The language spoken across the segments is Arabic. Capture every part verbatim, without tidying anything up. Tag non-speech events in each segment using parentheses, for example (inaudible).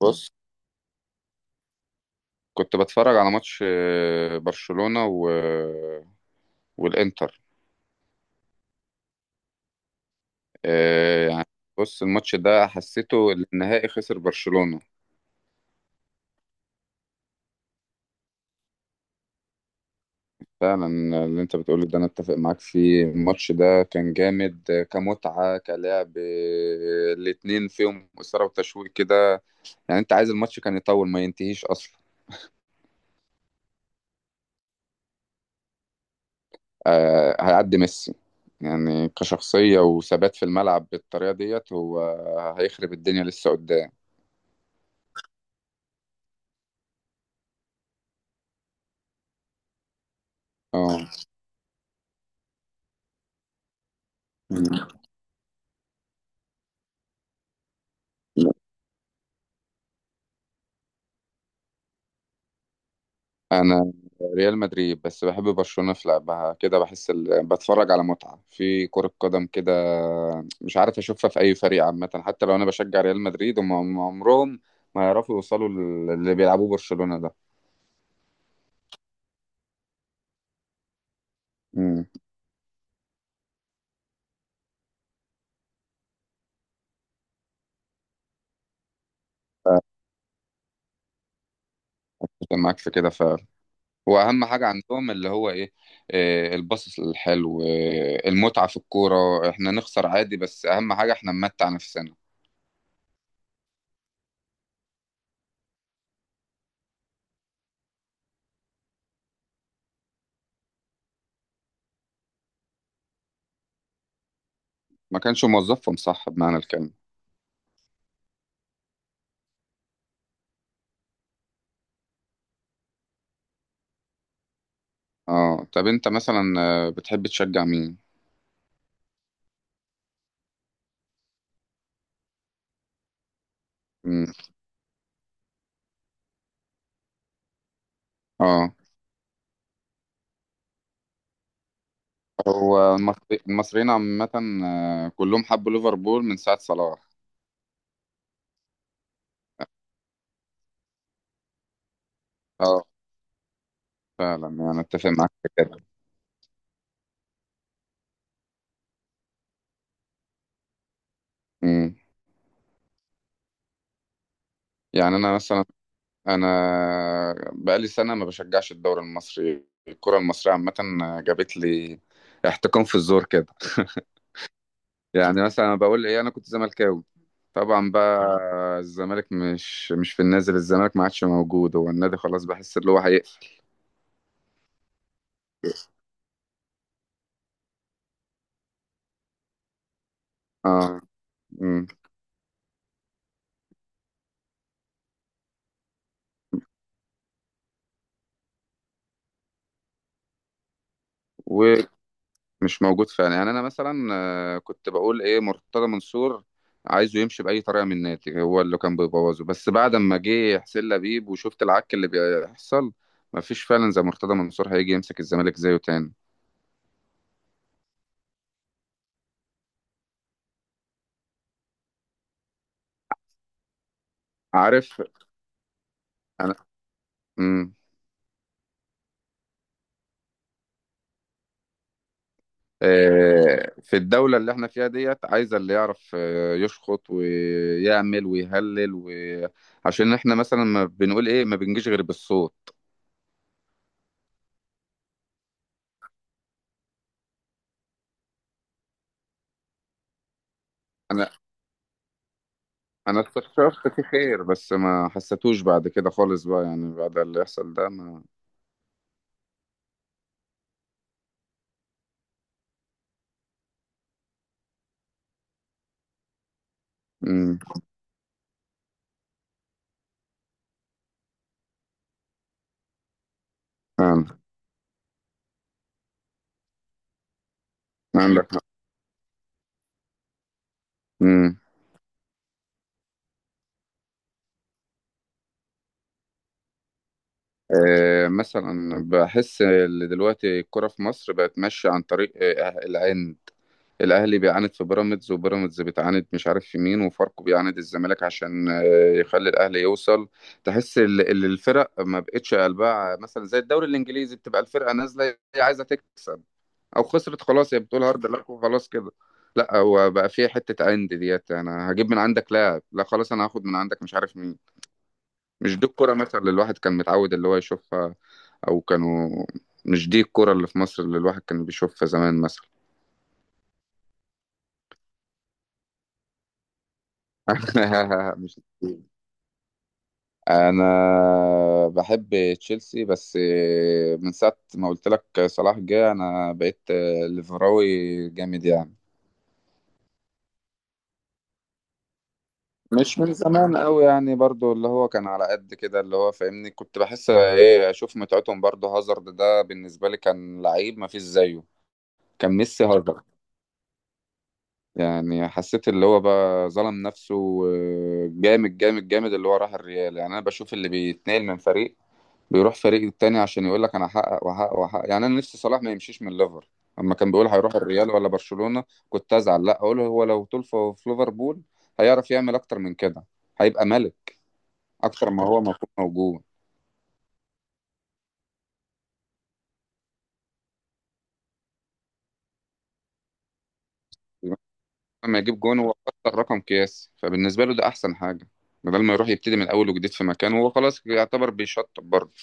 بص، كنت بتفرج على ماتش آه، برشلونة و... آه، والإنتر. آه، يعني بص، الماتش ده حسيته النهائي، خسر برشلونة. فعلا. اللي انت بتقوله ده انا اتفق معاك فيه. الماتش ده كان جامد، آه، كمتعة كلعب. آه، الاتنين فيهم إثارة وتشويق كده. يعني انت عايز الماتش كان يطول، ما ينتهيش اصلا. آه، هيعدي ميسي. يعني كشخصية وثبات في الملعب بالطريقة ديت، هو هيخرب الدنيا لسه قدام. اه، انا ريال مدريد، بس بحب برشلونة في لعبها كده. بحس ال... بتفرج على متعة في كرة قدم كده. مش عارف اشوفها في اي فريق عامة. حتى لو انا بشجع ريال مدريد، هم هم عمرهم ما يعرفوا يوصلوا لل- اللي بيلعبوه برشلونة ده. امم، معاك في كده فعلا. واهم حاجة عندهم اللي هو ايه؟ آه، الباص الحلو، آه، المتعة في الكورة. احنا نخسر عادي، بس اهم حاجة احنا نمتع نفسنا. ما كانش موظفهم صح بمعنى الكلمة. اه، طب انت مثلا، آه، بتحب تشجع مين؟ اه. هو المصري، المصريين عامة، آه، كلهم حبوا ليفربول من ساعة صلاح. اه، فعلا. يعني اتفق معاك في كده. مم. يعني انا مثلا، انا بقالي سنة ما بشجعش الدوري المصري. الكرة المصرية عامة جابت لي احتكام في الزور كده. (laughs) يعني مثلا، أنا بقول ايه، انا كنت زملكاوي طبعا بقى. الزمالك مش مش في النازل، الزمالك ما عادش موجود. هو النادي خلاص، بحس ان هو هيقفل. اه. مم. مش موجود فعلا. يعني انا مثلا، آه، كنت بقول ايه، مرتضى منصور عايزه يمشي باي طريقه من النادي، هو اللي كان بيبوظه. بس بعد ما جه حسين لبيب وشفت العك اللي بيحصل، مفيش فعلا زي مرتضى منصور هيجي يمسك الزمالك زيه تاني. عارف. انا امم آه، في الدوله اللي احنا فيها ديت عايزه اللي يعرف آه، يشخط ويعمل ويهلل و... عشان احنا مثلا ما بنقول ايه، ما بنجيش غير بالصوت. انا استشرت فيه خير، بس ما حسيتوش بعد كده خالص بقى. يعني بعد اللي يحصل ده ما، امم. فعلا، عندك حق. امم. آه مثلا بحس ان دلوقتي الكرة في مصر بقت ماشية عن طريق آه العند. الاهلي بيعاند في بيراميدز، وبيراميدز بتعاند مش عارف في مين، وفاركو بيعاند الزمالك عشان آه يخلي الاهلي يوصل. تحس ال- ال- الفرق ما بقتش قلبها. مثلا زي الدوري الانجليزي، بتبقى الفرقة نازلة هي عايزة تكسب. او خسرت خلاص هي بتقول هارد لك وخلاص كده. لا هو بقى فيها حته اند ديت، انا هجيب من عندك لاعب، لا خلاص انا هاخد من عندك مش عارف مين. مش دي الكوره مثلا اللي الواحد كان متعود اللي هو يشوفها، او كانوا. مش دي الكوره اللي في مصر اللي الواحد كان بيشوفها زمان مثلا. (laughs) مش دي. انا بحب تشيلسي، بس من ساعه ما قلت لك صلاح جه، انا بقيت ليفراوي جامد يعني. مش من زمان قوي يعني، برضو اللي هو كان على قد كده اللي هو فاهمني. كنت بحس ايه، اشوف متعتهم. برضو هازارد ده بالنسبة لي كان لعيب ما فيش زيه. كان ميسي هازارد. يعني حسيت اللي هو بقى ظلم نفسه، آه، جامد جامد جامد اللي هو راح الريال. يعني انا بشوف اللي بيتنقل من فريق، بيروح فريق التاني عشان يقول لك انا هحقق وهحقق وهحقق. يعني انا نفسي صلاح ما يمشيش من ليفر. اما كان بيقول هيروح الريال ولا برشلونة كنت ازعل، لا اقول هو لو طول في في ليفربول هيعرف يعمل اكتر من كده، هيبقى ملك اكتر ما هو المفروض موجود. لما يجيب جون هو اكتر رقم قياسي، فبالنسبه له ده احسن حاجه. بدل ما يروح يبتدي من الاول وجديد في مكان، هو خلاص يعتبر بيشطب برضه.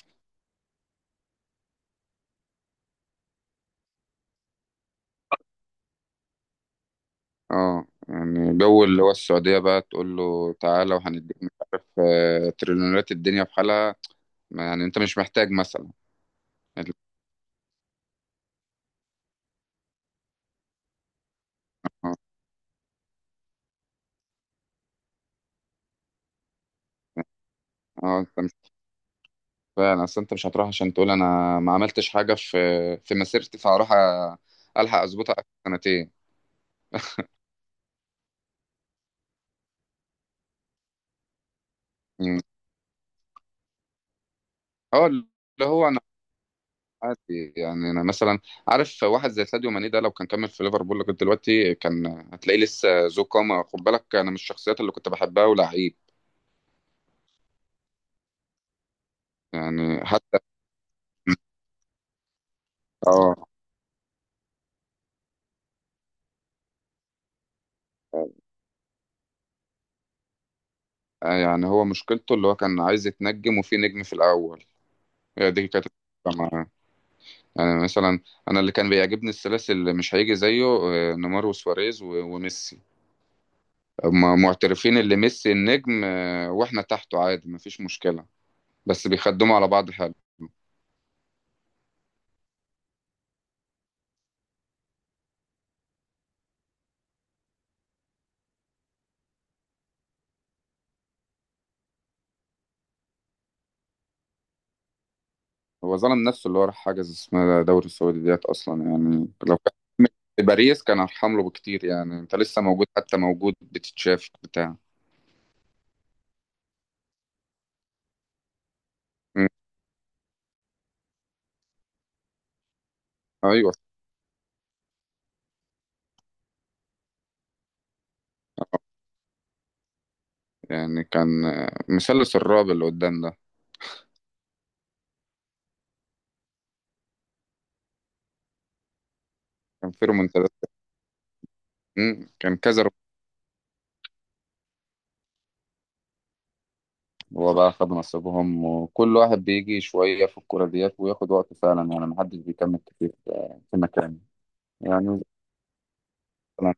اه يعني جو اللي هو السعوديه بقى، تقول له تعالى وهنديك مش عارف آه، تريليونات الدنيا في حالها. ما- يعني انت مش محتاج مثلا. اه، آه، انت مش، فعلا اصل انت مش هتروح عشان تقول انا ما عملتش حاجه في في مسيرتي فهروح، أ- الحق اظبطها آخر سنتين. مم. اه، اللي هو عادي يعني. انا مثلا عارف واحد زي ساديو ماني ده لو كان كمل في ليفربول لغايه دلوقتي، كان هتلاقيه لسه ذو قامه. خد بالك انا من الشخصيات اللي كنت بحبها ولعيب. يعني حتى، اه. آه، يعني هو مشكلته اللي هو كان عايز يتنجم وفي نجم في الاول، هي دي كانت المشكلة معاه. يعني مثلا، انا اللي كان بيعجبني الثلاثي اللي مش هيجي زيه، آه، نيمار وسواريز و- وميسي. هما معترفين اللي ميسي النجم، آه، واحنا تحته عادي، مفيش مشكله. بس بيخدموا على بعض حلو. هو ظلم نفسه اللي هو راح حجز اسمها دوري السعودي ديت اصلا. يعني لو كان كمل في باريس، كان ارحم له بكتير. يعني انت لسه موجود، حتى موجود بتتشاف بتاع. مم. ايوه. يعني كان آه، مثلث الرعب اللي قدام ده. كان في رومنتادات. مم. كان كذا رو- هو بقى خد نصيبهم. وكل واحد بيجي شويه في الكوره ديت وياخد وقته فعلا. يعني محدش بيكمل كتير آه، في مكانه. يعني مثلا،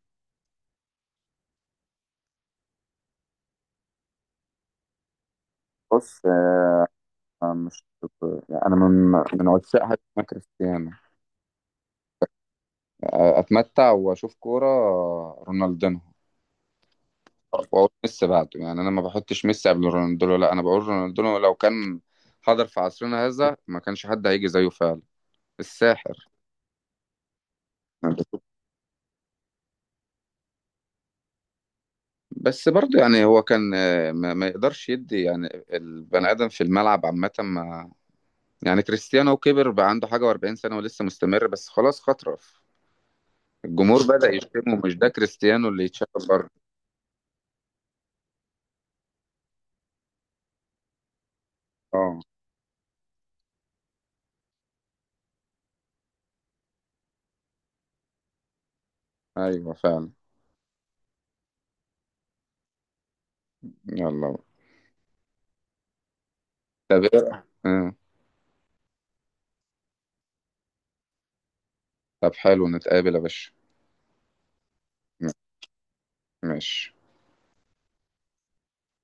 بص آه، مش، يعني انا من من عشاق حاجه اسمها كريستيانو. اتمتع واشوف كوره رونالدينو واقول ميسي بعده. يعني انا ما بحطش ميسي قبل رونالدينو، لا انا بقول رونالدينو لو كان حضر في عصرنا هذا ما كانش حد هيجي زيه فعلا، الساحر. بس برضه يعني هو كان آه، ما, ما يقدرش يدي. يعني البني ادم في الملعب عامه ما. يعني كريستيانو كبر بقى، عنده حاجه و40 سنه ولسه مستمر، بس خلاص خطرف. الجمهور بدأ يشتمه، مش ده كريستيانو اللي يتشاف بره. اه، ايوه فعلا. يلا. طب إيه؟ طب حلو، نتقابل يا باشا. م- ماشي.